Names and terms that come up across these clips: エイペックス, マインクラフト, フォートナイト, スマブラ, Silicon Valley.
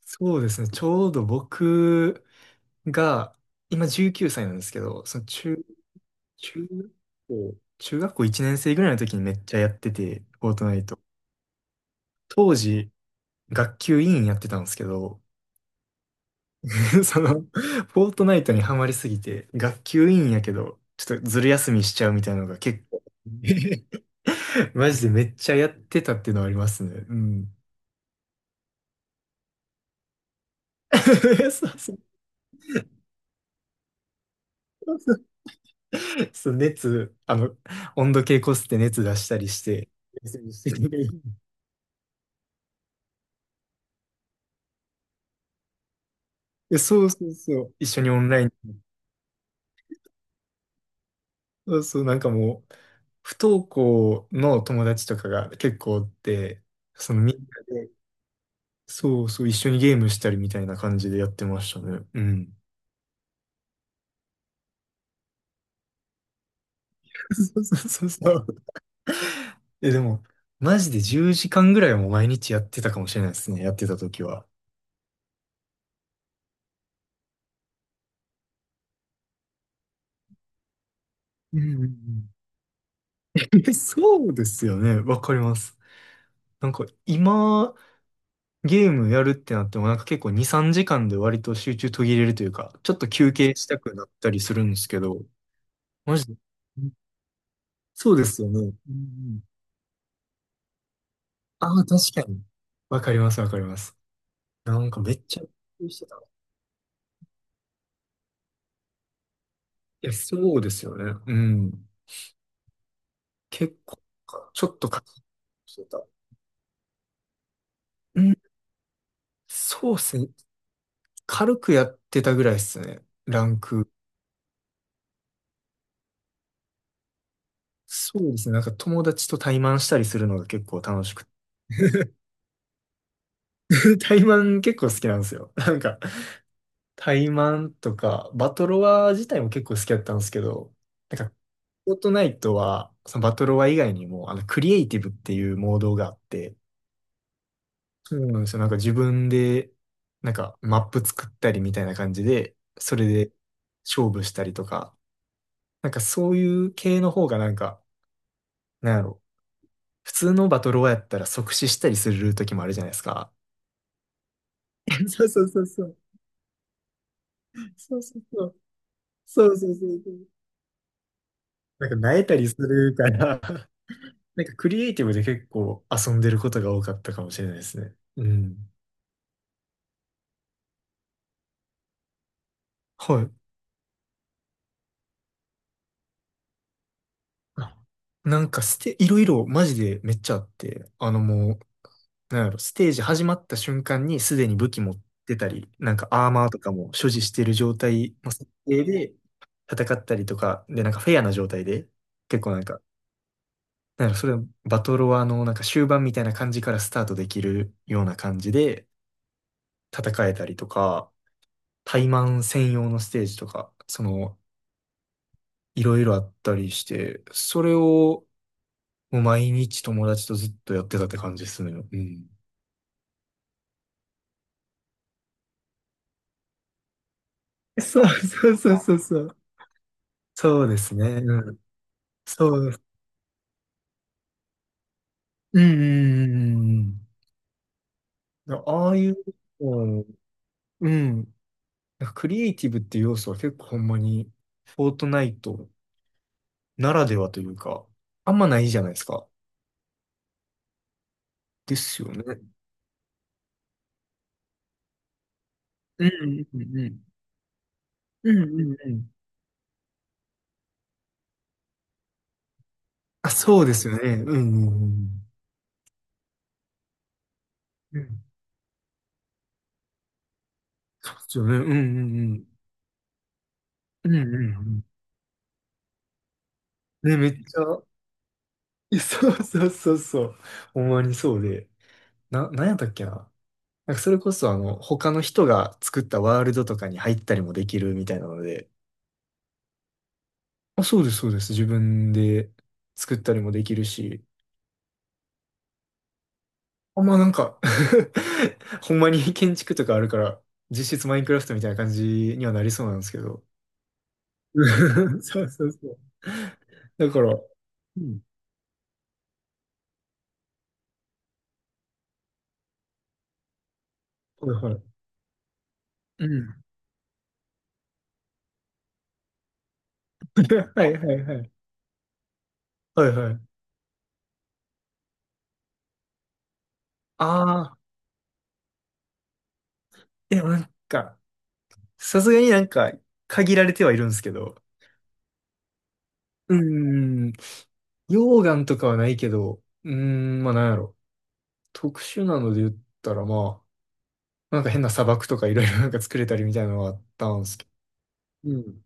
そうですね。ちょうど僕が、今19歳なんですけど、中学中学校1年生ぐらいの時にめっちゃやってて、フォートナイト。当時、学級委員やってたんですけど、その、フォートナイトにハマりすぎて、学級委員やけど、ちょっとずる休みしちゃうみたいなのが結構、マジでめっちゃやってたっていうのはありますね。うん。そうそうそう熱、温度計こすって熱出したりして。そうそうそう。一緒にオンライン。そうそう、なんかもう、不登校の友達とかが結構おって、そのみんなで、そうそう、一緒にゲームしたりみたいな感じでやってましたね。うん。そうそうそうそう。え、でも、マジで10時間ぐらいはもう毎日やってたかもしれないですね。やってた時は。うんうんうん。そうですよね。わかります。なんか今、ゲームやるってなってもなんか結構2、3時間で割と集中途切れるというか、ちょっと休憩したくなったりするんですけど、マジで。そうですよね。うんうん、ああ、確かに。わかります、わかります。なんかめっちゃ、してた。いや、そうですよね。うん。結構か、ちょっとか、してた。うん。そうですね。軽くやってたぐらいですね。ランク。そうですね。なんか友達と対マンしたりするのが結構楽しくて。対マン結構好きなんですよ。なんか、タイマンとか、バトロワ自体も結構好きだったんですけど、なんか、フォートナイトは、そのバトロワ以外にも、クリエイティブっていうモードがあって、そうなんですよ。なんか自分で、なんかマップ作ったりみたいな感じで、それで勝負したりとか、なんかそういう系の方がなんか、なんやろ、普通のバトロワやったら即死したりする時もあるじゃないですか。そうそうそうそう。そうそうそう。そうそうそうそう。なんか、萎えたりするから なんかクリエイティブで結構遊んでることが多かったかもしれないですね。うん。はい。あなんかいろいろマジでめっちゃあって、もう、なんやろ、ステージ始まった瞬間にすでに武器持ってたり、なんかアーマーとかも所持してる状態の設定で戦ったりとか、で、なんかフェアな状態で、結構なんか、なんやろ、それはバトロワのなんか終盤みたいな感じからスタートできるような感じで戦えたりとか、タイマン専用のステージとか、いろいろあったりして、それをもう毎日友達とずっとやってたって感じですね。うん。そうそうそうそうそう。そうですね。うん。そうです。うんうんうんうんうん。ああいう、うん。うん。なんかクリエイティブっていう要素は結構ほんまに、フォートナイトならではというか、あんまないじゃないですか。ですよね。うんうんうん。うんうんうん。あ、そうですよね。うんうんうん。うん。そうですよね。うんうんうん。うんうんうん。ね、めっちゃ、え、そうそうそうそう。ほんまにそうで。なんやったっけな。なんかそれこそ他の人が作ったワールドとかに入ったりもできるみたいなので。あ、そうです、そうです。自分で作ったりもできるし。あ、まあなんか ほんまに建築とかあるから、実質マインクラフトみたいな感じにはなりそうなんですけど。そうそうそう。だから、うん。はいはい。うん。はいはいはい。はいはい。ああ。でもなんか、さすがになんか、限られてはいるんですけど、うーん、溶岩とかはないけど、うーん、まあなんやろ。特殊なので言ったらまあ、なんか変な砂漠とかいろいろなんか作れたりみたいなのはあったんですけど。うん。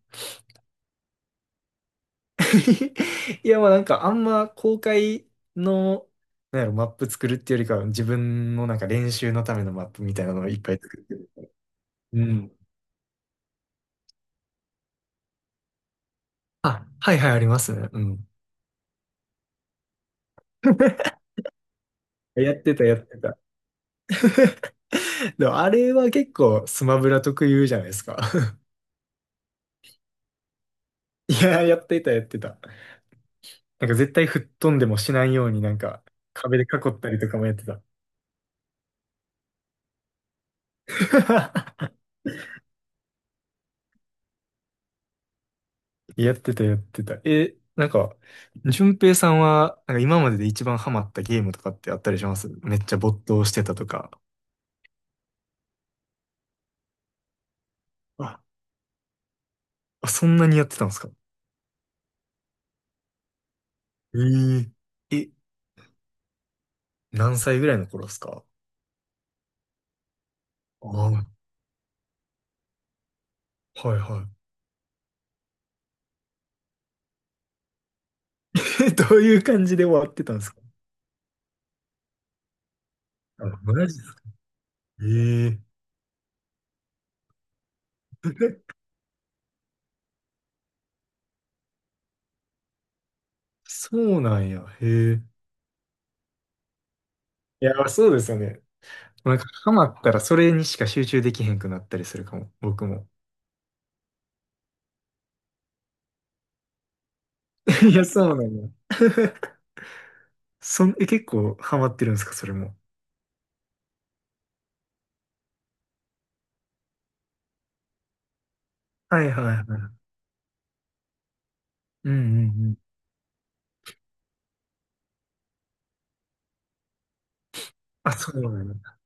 いやまあなんかあんま公開の、なんやろ、マップ作るっていうよりかは自分のなんか練習のためのマップみたいなのをいっぱい作ってる。うん。あ、はいはいありますね。うん。やってたやってた。でもあれは結構スマブラ特有じゃないですか。いやー、やってた、やってた。なんか絶対吹っ飛んでもしないようになんか壁で囲ったりとかもやってた。やってた、やってた。え、なんか、淳平さんは、なんか今までで一番ハマったゲームとかってあったりします？めっちゃ没頭してたとか。あ、あ、そんなにやってたんですか？えええ、何歳ぐらいの頃ですか？ああ、はいはい。え、どういう感じで終わってたんですか？あ、マジですか？ええ、そうなんや。へえ。いや、そうですよね。なんか、ハマったらそれにしか集中できへんくなったりするかも。僕も。いや、そうなんや。そん、え、結構ハマってるんですか、それも？はいはいはい。うんうんうん。あ、そうなんや。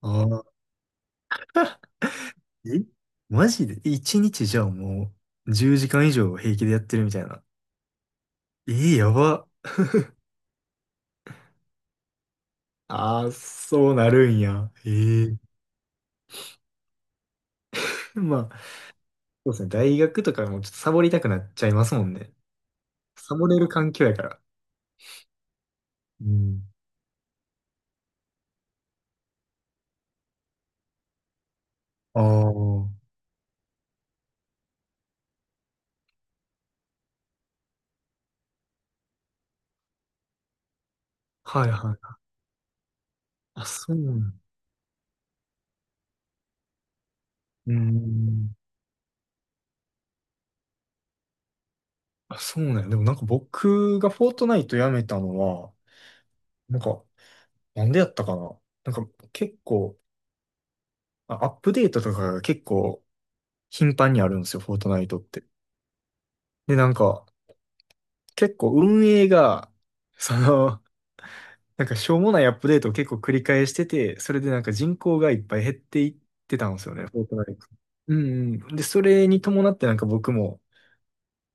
ああ、えマジで一日じゃあもう10時間以上平気でやってるみたいな。えー、やば。ああ、そうなるんや。ええ。まあ、そうですね。大学とかもちょっとサボりたくなっちゃいますもんね。サボれる環境やから。うん。ああ、はいはい。あ、そうなん。うーん。あ、そうなんや。でもなんか僕がフォートナイトやめたのは、なんか、なんでやったかな。なんか結構、アップデートとかが結構頻繁にあるんですよ、フォートナイトって。で、なんか、結構運営が、その、なんかしょうもないアップデートを結構繰り返してて、それでなんか人口がいっぱい減っていった、フォートナイト。うんうん。で、それに伴ってなんか僕も、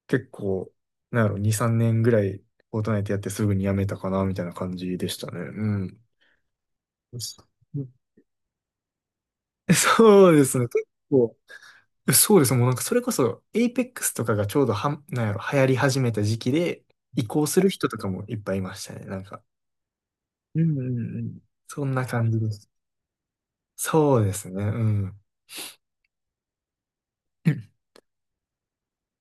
結構、なんやろ、2、3年ぐらい、フォートナイトやってすぐにやめたかな、みたいな感じでしたね。うん。そそうですね。結構、そうですね。もうなんかそれこそ、エイペックスとかがちょうどなんやろ、流行り始めた時期で、移行する人とかもいっぱいいましたね。なんか。うんうんうん。そんな感じです。そうですね。うん。